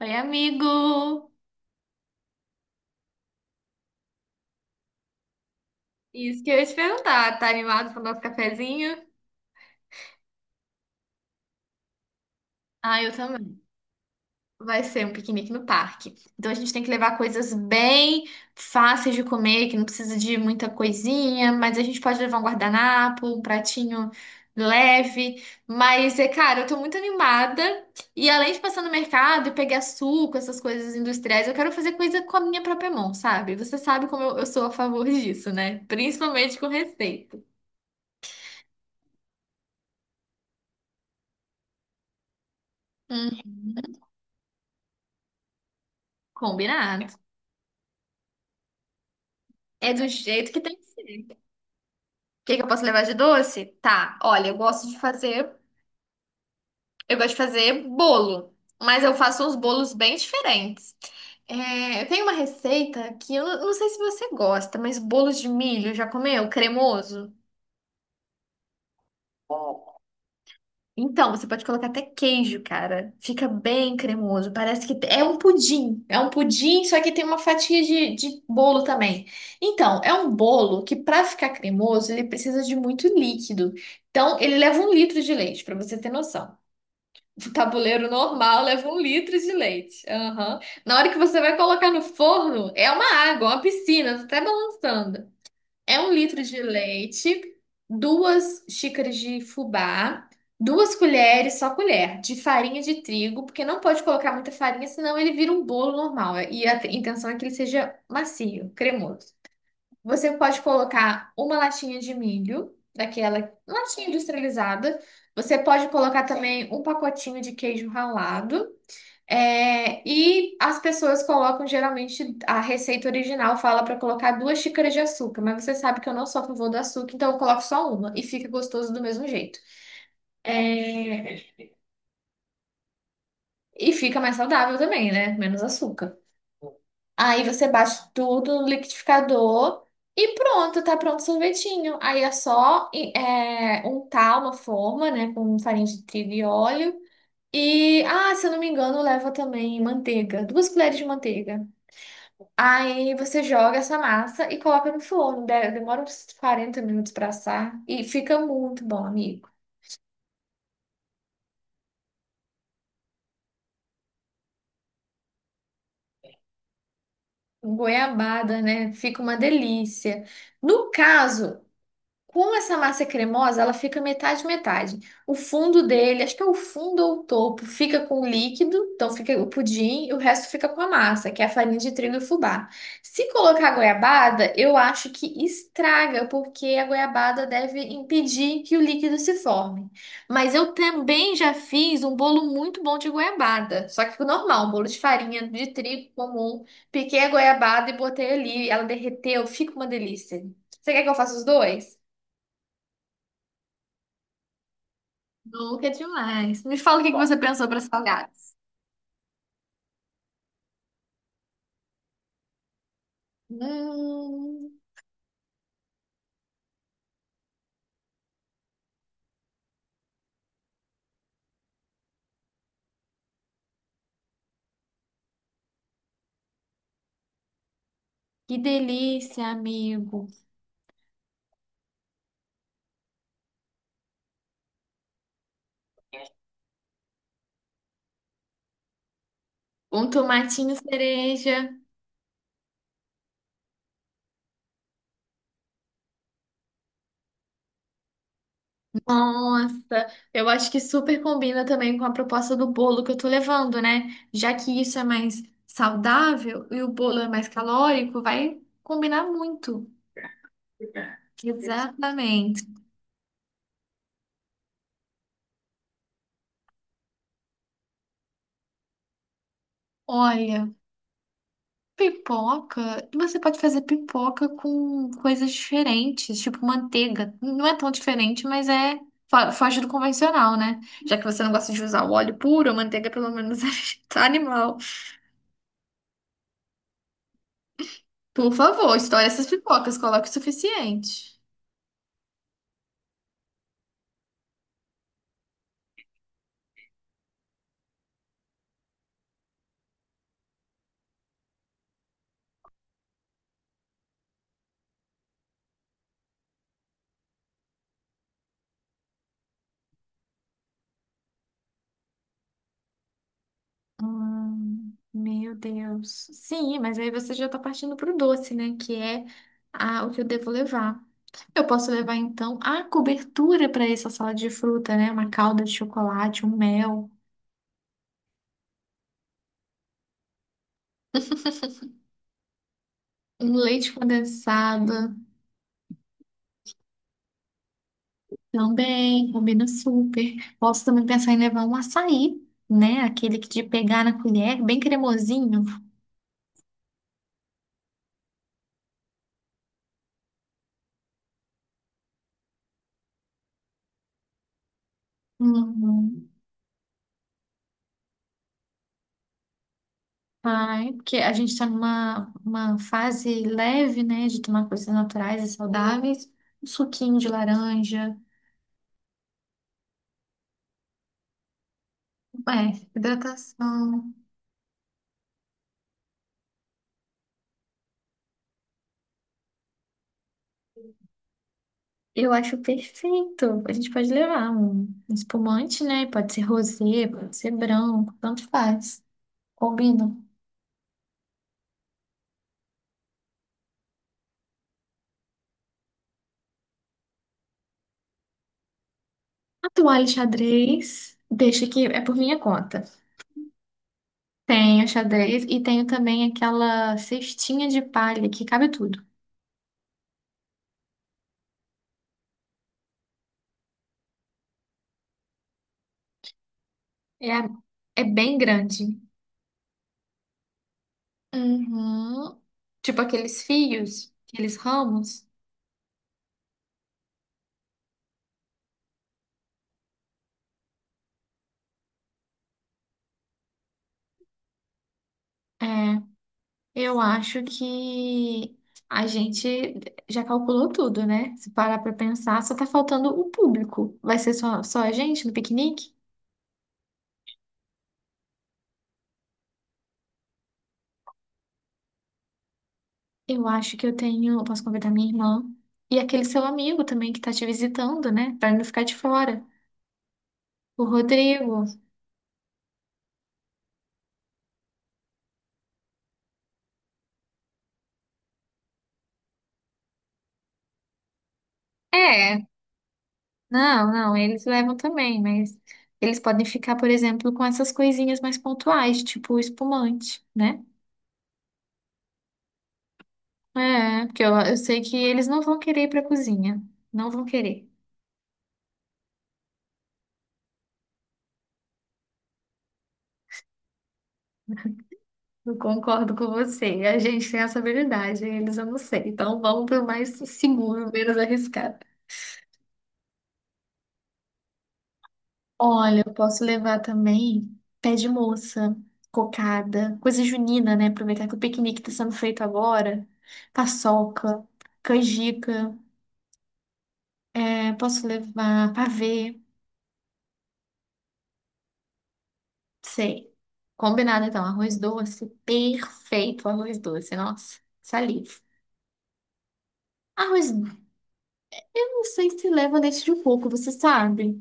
Oi, amigo! Isso que eu ia te perguntar, tá animado pro nosso cafezinho? Ah, eu também. Vai ser um piquenique no parque. Então a gente tem que levar coisas bem fáceis de comer, que não precisa de muita coisinha, mas a gente pode levar um guardanapo, um pratinho leve. Mas é, cara, eu tô muito animada. E além de passar no mercado e pegar suco, essas coisas industriais, eu quero fazer coisa com a minha própria mão, sabe? Você sabe como eu sou a favor disso, né? Principalmente com receita. Hum, Combinado. É do jeito que tem que ser. O que que eu posso levar de doce? Tá, olha, eu gosto de fazer bolo, mas eu faço uns bolos bem diferentes. É, tem uma receita que eu não sei se você gosta, mas bolo de milho, já comeu? Cremoso? Então, você pode colocar até queijo, cara. Fica bem cremoso. Parece que é um pudim. É um pudim, só que tem uma fatia de bolo também. Então, é um bolo que, para ficar cremoso, ele precisa de muito líquido. Então, ele leva um litro de leite, para você ter noção. O tabuleiro normal leva um litro de leite. Aham. Na hora que você vai colocar no forno, é uma água, uma piscina, tá até balançando. É um litro de leite, 2 xícaras de fubá, 2 colheres, só colher, de farinha de trigo, porque não pode colocar muita farinha, senão ele vira um bolo normal. E a intenção é que ele seja macio, cremoso. Você pode colocar uma latinha de milho, daquela latinha industrializada. Você pode colocar também um pacotinho de queijo ralado. É, e as pessoas colocam geralmente a receita original fala para colocar 2 xícaras de açúcar, mas você sabe que eu não sou a favor do açúcar, então eu coloco só uma e fica gostoso do mesmo jeito. É, e fica mais saudável também, né? Menos açúcar. Aí você bate tudo no liquidificador e pronto, tá pronto o sorvetinho. Aí é só untar uma forma, né, com farinha de trigo e óleo. E, ah, se eu não me engano, leva também manteiga, 2 colheres de manteiga. Aí você joga essa massa e coloca no forno. Demora uns 40 minutos para assar e fica muito bom, amigo. Goiabada, né? Fica uma delícia. No caso, com essa massa cremosa, ela fica metade metade. O fundo dele, acho que é o fundo ou o topo, fica com o líquido, então fica o pudim, e o resto fica com a massa, que é a farinha de trigo e fubá. Se colocar goiabada, eu acho que estraga, porque a goiabada deve impedir que o líquido se forme. Mas eu também já fiz um bolo muito bom de goiabada, só que normal, um bolo de farinha de trigo comum. Piquei a goiabada e botei ali, ela derreteu, fica uma delícia. Você quer que eu faça os dois? Nunca é demais. Me fala o que que você pensou para salgados. Hum, que delícia, amigo. Um tomatinho cereja. Nossa, eu acho que super combina também com a proposta do bolo que eu tô levando, né? Já que isso é mais saudável e o bolo é mais calórico, vai combinar muito. Exatamente. Olha. Pipoca, você pode fazer pipoca com coisas diferentes, tipo manteiga. Não é tão diferente, mas é foge do convencional, né? Já que você não gosta de usar o óleo puro, a manteiga pelo menos é animal. Por favor, estoure essas pipocas, coloque o suficiente. Meu Deus. Sim, mas aí você já tá partindo pro doce, né? Que é a, o que eu devo levar. Eu posso levar, então, a cobertura para essa salada de fruta, né? Uma calda de chocolate, um mel. Um leite condensado também combina super. Posso também pensar em levar um açaí, né? Aquele que de pegar na colher, bem cremosinho. Uhum. Ai, porque a gente está numa uma fase leve, né? De tomar coisas naturais e saudáveis. Um suquinho de laranja, é, hidratação. Eu acho perfeito. A gente pode levar um espumante, né? Pode ser rosé, pode ser branco, tanto faz. Combina. A toalha xadrez, deixa que é por minha conta. Tenho xadrez e tenho também aquela cestinha de palha que cabe tudo. É, é bem grande. Uhum. Tipo aqueles fios, aqueles ramos. É, eu acho que a gente já calculou tudo, né? Se parar pra pensar, só tá faltando o público. Vai ser só a gente no piquenique? Eu acho que eu tenho. Eu posso convidar minha irmã e aquele seu amigo também que tá te visitando, né? Pra não ficar de fora. O Rodrigo. É, não, não, eles levam também, mas eles podem ficar, por exemplo, com essas coisinhas mais pontuais, tipo o espumante, né? É, porque eu sei que eles não vão querer ir pra cozinha. Não vão querer. Eu concordo com você. A gente tem essa habilidade, eles eu não sei. Então vamos pro mais seguro, menos arriscado. Olha, eu posso levar também pé de moça, cocada, coisa junina, né? Aproveitar que o piquenique está sendo feito agora. Paçoca, canjica, é, posso levar pavê, sei. Combinado então, arroz doce, perfeito arroz doce, nossa, saliva. Arroz, eu não sei se leva leite de coco, você sabe?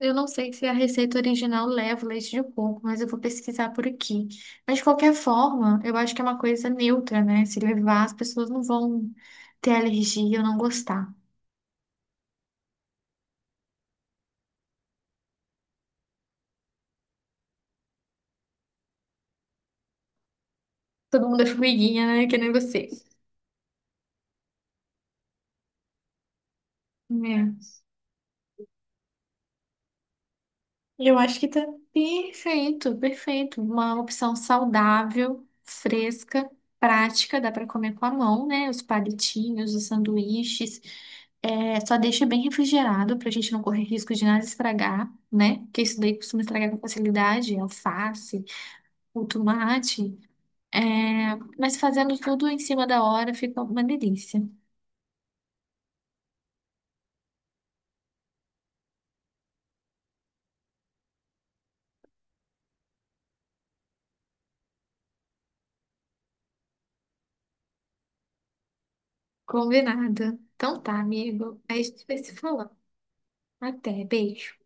Eu não sei se a receita original leva leite de coco, mas eu vou pesquisar por aqui. Mas de qualquer forma, eu acho que é uma coisa neutra, né? Se levar, as pessoas não vão ter alergia ou não gostar. Todo mundo é formiguinha, né? Que nem você. É. Eu acho que tá perfeito, perfeito. Uma opção saudável, fresca, prática, dá para comer com a mão, né? Os palitinhos, os sanduíches. É, só deixa bem refrigerado para a gente não correr risco de nada estragar, né? Porque isso daí costuma estragar com facilidade, alface, o tomate. É, mas fazendo tudo em cima da hora fica uma delícia. Combinado. Então tá, amigo. A gente vai se falar. Até, beijo.